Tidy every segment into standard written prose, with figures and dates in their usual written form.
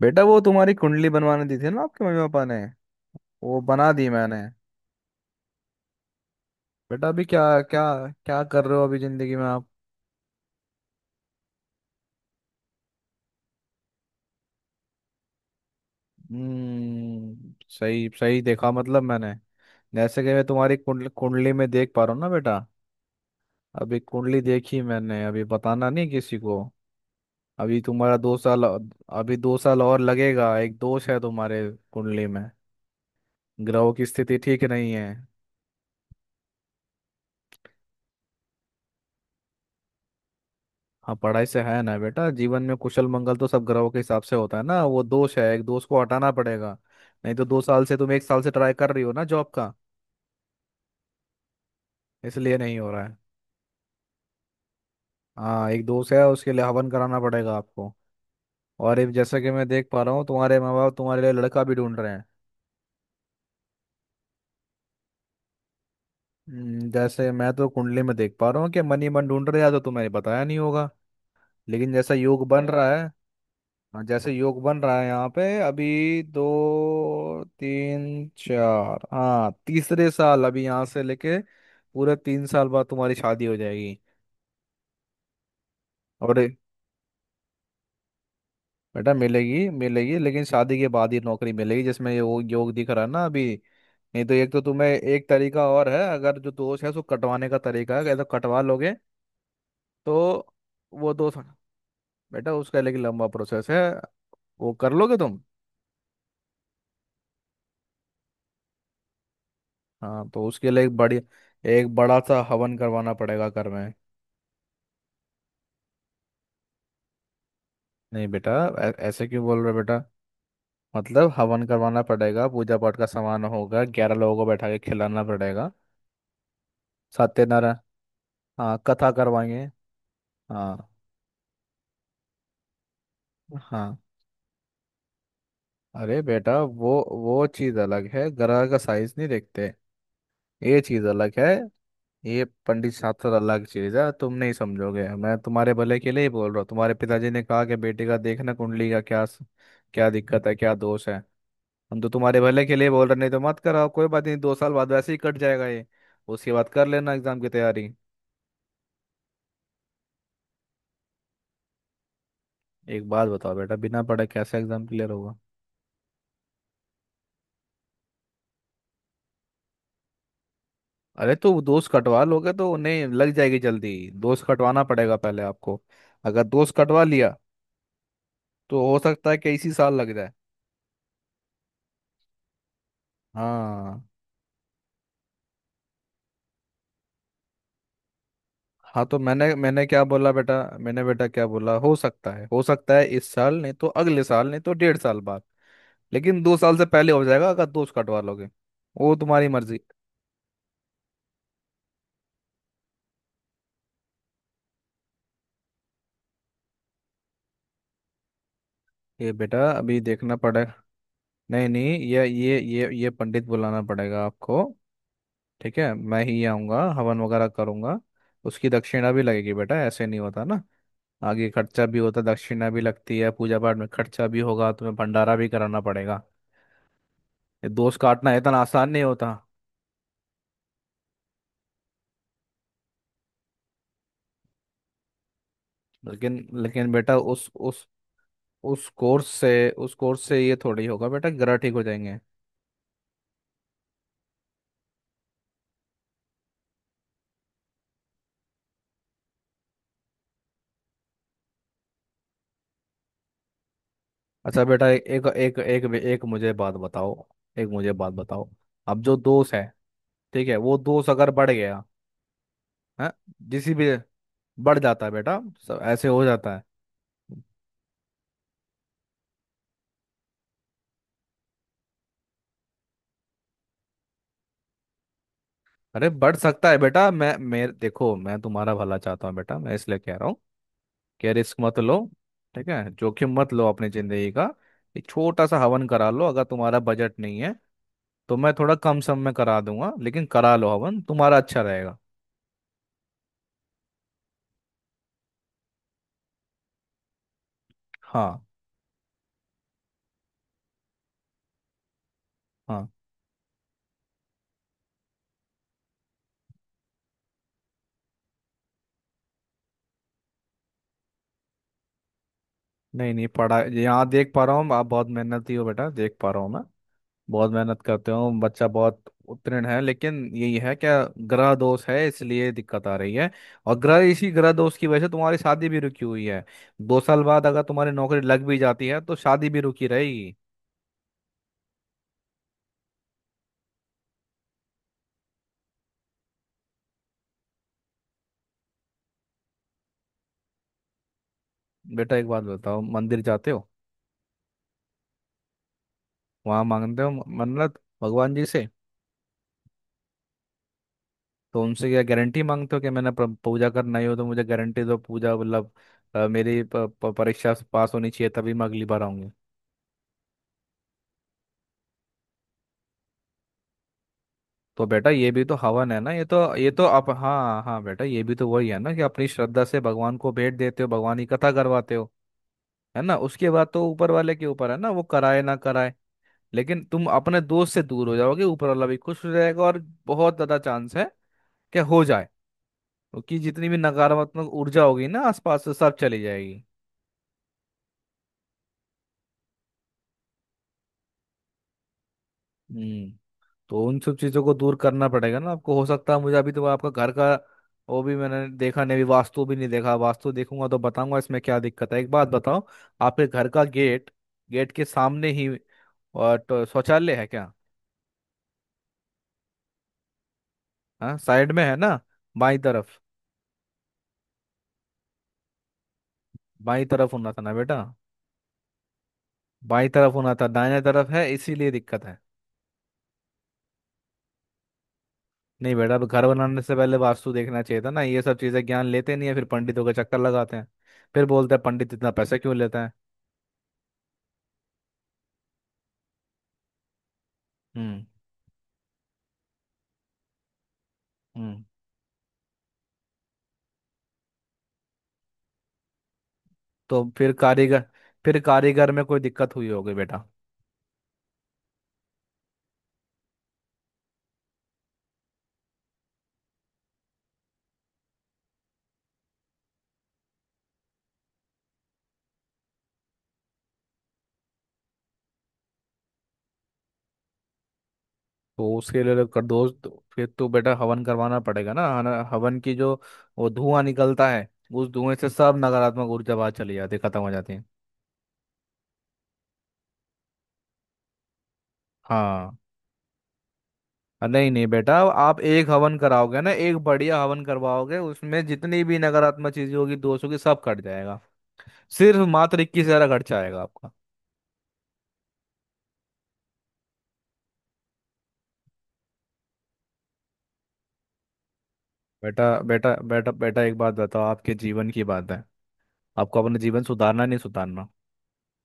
बेटा वो तुम्हारी कुंडली बनवाने दी थी ना आपके मम्मी पापा ने। वो बना दी मैंने। बेटा अभी क्या क्या क्या कर रहे हो अभी जिंदगी में आप। सही सही देखा मतलब मैंने। जैसे कि मैं तुम्हारी कुंडली कुंडली में देख पा रहा हूँ ना बेटा। अभी कुंडली देखी मैंने। अभी बताना नहीं किसी को। अभी तुम्हारा दो साल और लगेगा। एक दोष है तुम्हारे कुंडली में। ग्रहों की स्थिति ठीक नहीं है। हाँ पढ़ाई से है ना बेटा। जीवन में कुशल मंगल तो सब ग्रहों के हिसाब से होता है ना। वो दोष है, एक दोष को हटाना पड़ेगा। नहीं तो दो साल से तुम 1 साल से ट्राई कर रही हो ना जॉब का, इसलिए नहीं हो रहा है। हाँ एक दोष है, उसके लिए हवन कराना पड़ेगा आपको। और एक जैसा कि मैं देख पा रहा हूँ तुम्हारे माँ बाप तुम्हारे लिए लड़का भी ढूंढ रहे हैं। जैसे मैं तो कुंडली में देख पा रहा हूँ कि मन ही मन ढूंढ रहे हैं, या तो तुम्हें बताया नहीं होगा, लेकिन जैसा योग बन रहा है। हाँ जैसे योग बन रहा है यहाँ पे अभी दो तीन चार। हाँ तीसरे साल अभी यहाँ से लेके पूरे 3 साल बाद तुम्हारी शादी हो जाएगी। और बेटा मिलेगी, मिलेगी लेकिन शादी के बाद ही नौकरी मिलेगी जिसमें ये वो योग दिख रहा है ना अभी। नहीं तो एक तो तुम्हें एक तरीका और है। अगर जो दोष है उसको कटवाने का तरीका है। अगर कटवा लोगे तो वो दोष, बेटा उसका लेकिन लंबा प्रोसेस है। वो कर लोगे तुम? हाँ तो उसके लिए एक बड़ा सा हवन करवाना पड़ेगा घर में। नहीं बेटा। ऐसे क्यों बोल रहे हो बेटा? मतलब हवन करवाना पड़ेगा, पूजा पाठ का सामान होगा, 11 लोगों को बैठा के खिलाना पड़ेगा। सत्यनारायण हाँ कथा करवाएंगे। हाँ हाँ अरे बेटा वो चीज़ अलग है, ग्रह का साइज नहीं देखते। ये चीज़ अलग है। ये पंडित शास्त्र अलग चीज़ है, तुम नहीं समझोगे। मैं तुम्हारे भले के लिए ही बोल रहा हूँ। तुम्हारे पिताजी ने कहा कि बेटे का देखना कुंडली का, क्या क्या दिक्कत है, क्या दोष है। हम तो तुम्हारे भले के लिए बोल रहे। नहीं तो मत कराओ, कोई बात नहीं। 2 साल बाद वैसे ही कट जाएगा ये। उसके बाद कर लेना एग्जाम की तैयारी। एक बात बताओ बेटा, बिना पढ़े कैसे एग्जाम क्लियर होगा? अरे तो दोस्त कटवा लोगे तो उन्हें लग जाएगी जल्दी। दोस्त कटवाना पड़ेगा पहले आपको। अगर दोस्त कटवा लिया तो हो सकता है कि इसी साल लग जाए। हाँ हाँ तो मैंने मैंने क्या बोला बेटा, मैंने बेटा क्या बोला। हो सकता है इस साल नहीं तो अगले साल नहीं तो 1.5 साल बाद। लेकिन दो साल से पहले हो जाएगा अगर दोस्त कटवा लोगे। वो तुम्हारी मर्जी। ये बेटा अभी देखना पड़ेगा। नहीं नहीं ये पंडित बुलाना पड़ेगा आपको। ठीक है मैं ही आऊँगा हवन वगैरह करूँगा। उसकी दक्षिणा भी लगेगी बेटा, ऐसे नहीं होता ना। आगे खर्चा भी होता, दक्षिणा भी लगती है, पूजा पाठ में खर्चा भी होगा, तुम्हें भंडारा भी कराना पड़ेगा। ये दोस्त काटना इतना आसान नहीं होता। लेकिन लेकिन बेटा उस कोर्स से ये थोड़ी होगा बेटा ग्रह ठीक हो जाएंगे। अच्छा बेटा एक एक एक एक, एक मुझे बात बताओ एक मुझे बात बताओ। अब जो दोष है, ठीक है, वो दोष अगर बढ़ गया है। जिसी भी बढ़ जाता है बेटा। सब ऐसे हो जाता है। अरे बढ़ सकता है बेटा। मैं मेरे देखो मैं तुम्हारा भला चाहता हूँ बेटा, मैं इसलिए कह रहा हूँ कि रिस्क मत लो। ठीक है जोखिम मत लो अपनी जिंदगी का। एक छोटा सा हवन करा लो। अगर तुम्हारा बजट नहीं है तो मैं थोड़ा कम सम में करा दूंगा, लेकिन करा लो हवन, तुम्हारा अच्छा रहेगा। हाँ हाँ नहीं नहीं पढ़ा। यहाँ देख पा रहा हूँ आप बहुत मेहनती हो बेटा, देख पा रहा हूँ मैं, बहुत मेहनत करते हो बच्चा, बहुत उत्तीर्ण है, लेकिन यही है क्या, ग्रह दोष है इसलिए दिक्कत आ रही है। और ग्रह, इसी ग्रह दोष की वजह से तुम्हारी शादी भी रुकी हुई है। 2 साल बाद अगर तुम्हारी नौकरी लग भी जाती है तो शादी भी रुकी रहेगी। बेटा एक बात बताओ, मंदिर जाते हो? वहां मांगते हो मन्नत भगवान जी से? तो उनसे क्या गारंटी मांगते हो कि पूजा करना ही हो तो मुझे गारंटी दो, पूजा मतलब मेरी परीक्षा पास होनी चाहिए तभी मैं अगली बार आऊंगी। तो बेटा ये भी तो हवन है ना। ये तो आप, हाँ हाँ बेटा ये भी तो वही है ना कि अपनी श्रद्धा से भगवान को भेंट देते हो, भगवान की कथा करवाते हो। है ना, उसके बाद तो ऊपर वाले के ऊपर है ना, वो कराए ना कराए। लेकिन तुम अपने दोस्त से दूर हो जाओगे, ऊपर वाला भी खुश हो जाएगा, और बहुत ज्यादा चांस है कि हो जाए, क्योंकि जितनी भी नकारात्मक ऊर्जा होगी ना आसपास से सब चली जाएगी। हम्म तो उन सब चीज़ों को दूर करना पड़ेगा ना आपको। हो सकता है, मुझे अभी तो आपका घर का वो भी मैंने देखा नहीं, अभी वास्तु भी नहीं देखा, वास्तु देखूंगा तो बताऊंगा इसमें क्या दिक्कत है। एक बात बताओ, आपके घर का गेट, गेट के सामने ही और तो शौचालय है क्या? हाँ साइड में है ना, बाई तरफ। बाई तरफ होना था ना बेटा, बाई तरफ होना था, दाहिने तरफ है इसीलिए दिक्कत है। नहीं बेटा, अब घर बनाने से पहले वास्तु देखना चाहिए था ना। ये सब चीजें ज्ञान लेते नहीं है, फिर पंडितों के चक्कर लगाते हैं, फिर बोलते हैं पंडित इतना पैसा क्यों लेता है। हम्म। हम्म। तो फिर कारीगर फिर कारीगर में कोई दिक्कत हुई होगी बेटा। तो उसके लिए कर दो, तो फिर तो बेटा हवन करवाना पड़ेगा ना। हवन की जो वो धुआं निकलता है, उस धुएं से सब नकारात्मक ऊर्जा बाहर चली जाती है, खत्म हो जाती है। हाँ नहीं नहीं बेटा, आप एक हवन कराओगे ना, एक बढ़िया हवन करवाओगे, उसमें जितनी भी नकारात्मक चीजें होगी, दोष होगी, सब कट जाएगा। सिर्फ मात्र 21,000 खर्चा आएगा आपका। बेटा बेटा बेटा बेटा एक बात बताओ, आपके जीवन की बात है। आपको अपना जीवन सुधारना है, नहीं सुधारना,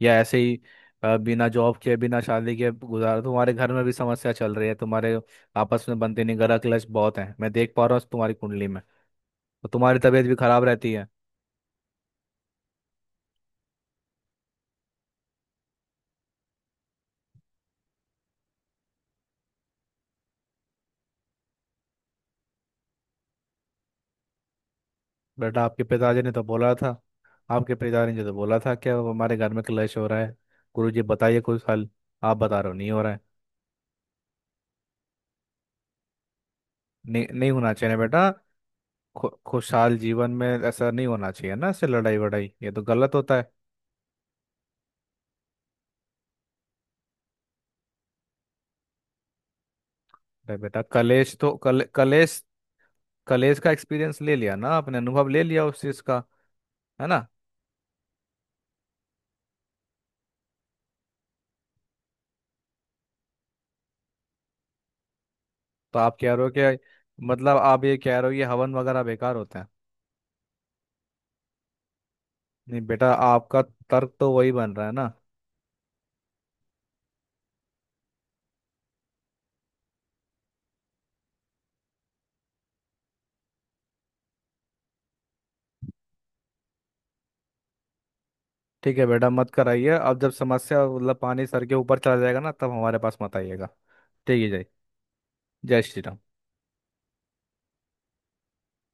या ऐसे ही बिना जॉब के बिना शादी के गुजारा। तुम्हारे घर में भी समस्या चल रही है, तुम्हारे आपस में बनते नहीं, ग्रह क्लेश बहुत है, मैं देख पा रहा हूँ तुम्हारी कुंडली में। तो तुम्हारी तबीयत भी खराब रहती है। बेटा आपके पिताजी ने तो बोला था, आपके पिताजी ने तो बोला था कि हमारे घर में क्लेश हो रहा है, गुरु जी बताइए कोई हल। आप बता रहे हो नहीं हो रहा है। नहीं नहीं होना चाहिए ना बेटा। खुशहाल जीवन में ऐसा नहीं होना चाहिए ना, ऐसे लड़ाई वड़ाई ये तो गलत होता है। अरे बेटा कलेश तो, कलेश कॉलेज का एक्सपीरियंस ले लिया ना आपने, अनुभव ले लिया उस चीज का, है ना? तो आप कह रहे हो कि, मतलब आप ये कह रहे हो ये हवन वगैरह बेकार होता है? नहीं बेटा आपका तर्क तो वही बन रहा है ना। ठीक है बेटा मत कराइए, अब जब समस्या, मतलब पानी सर के ऊपर चला जाएगा ना, तब हमारे पास मत आइएगा। ठीक है। जय, जय श्री राम।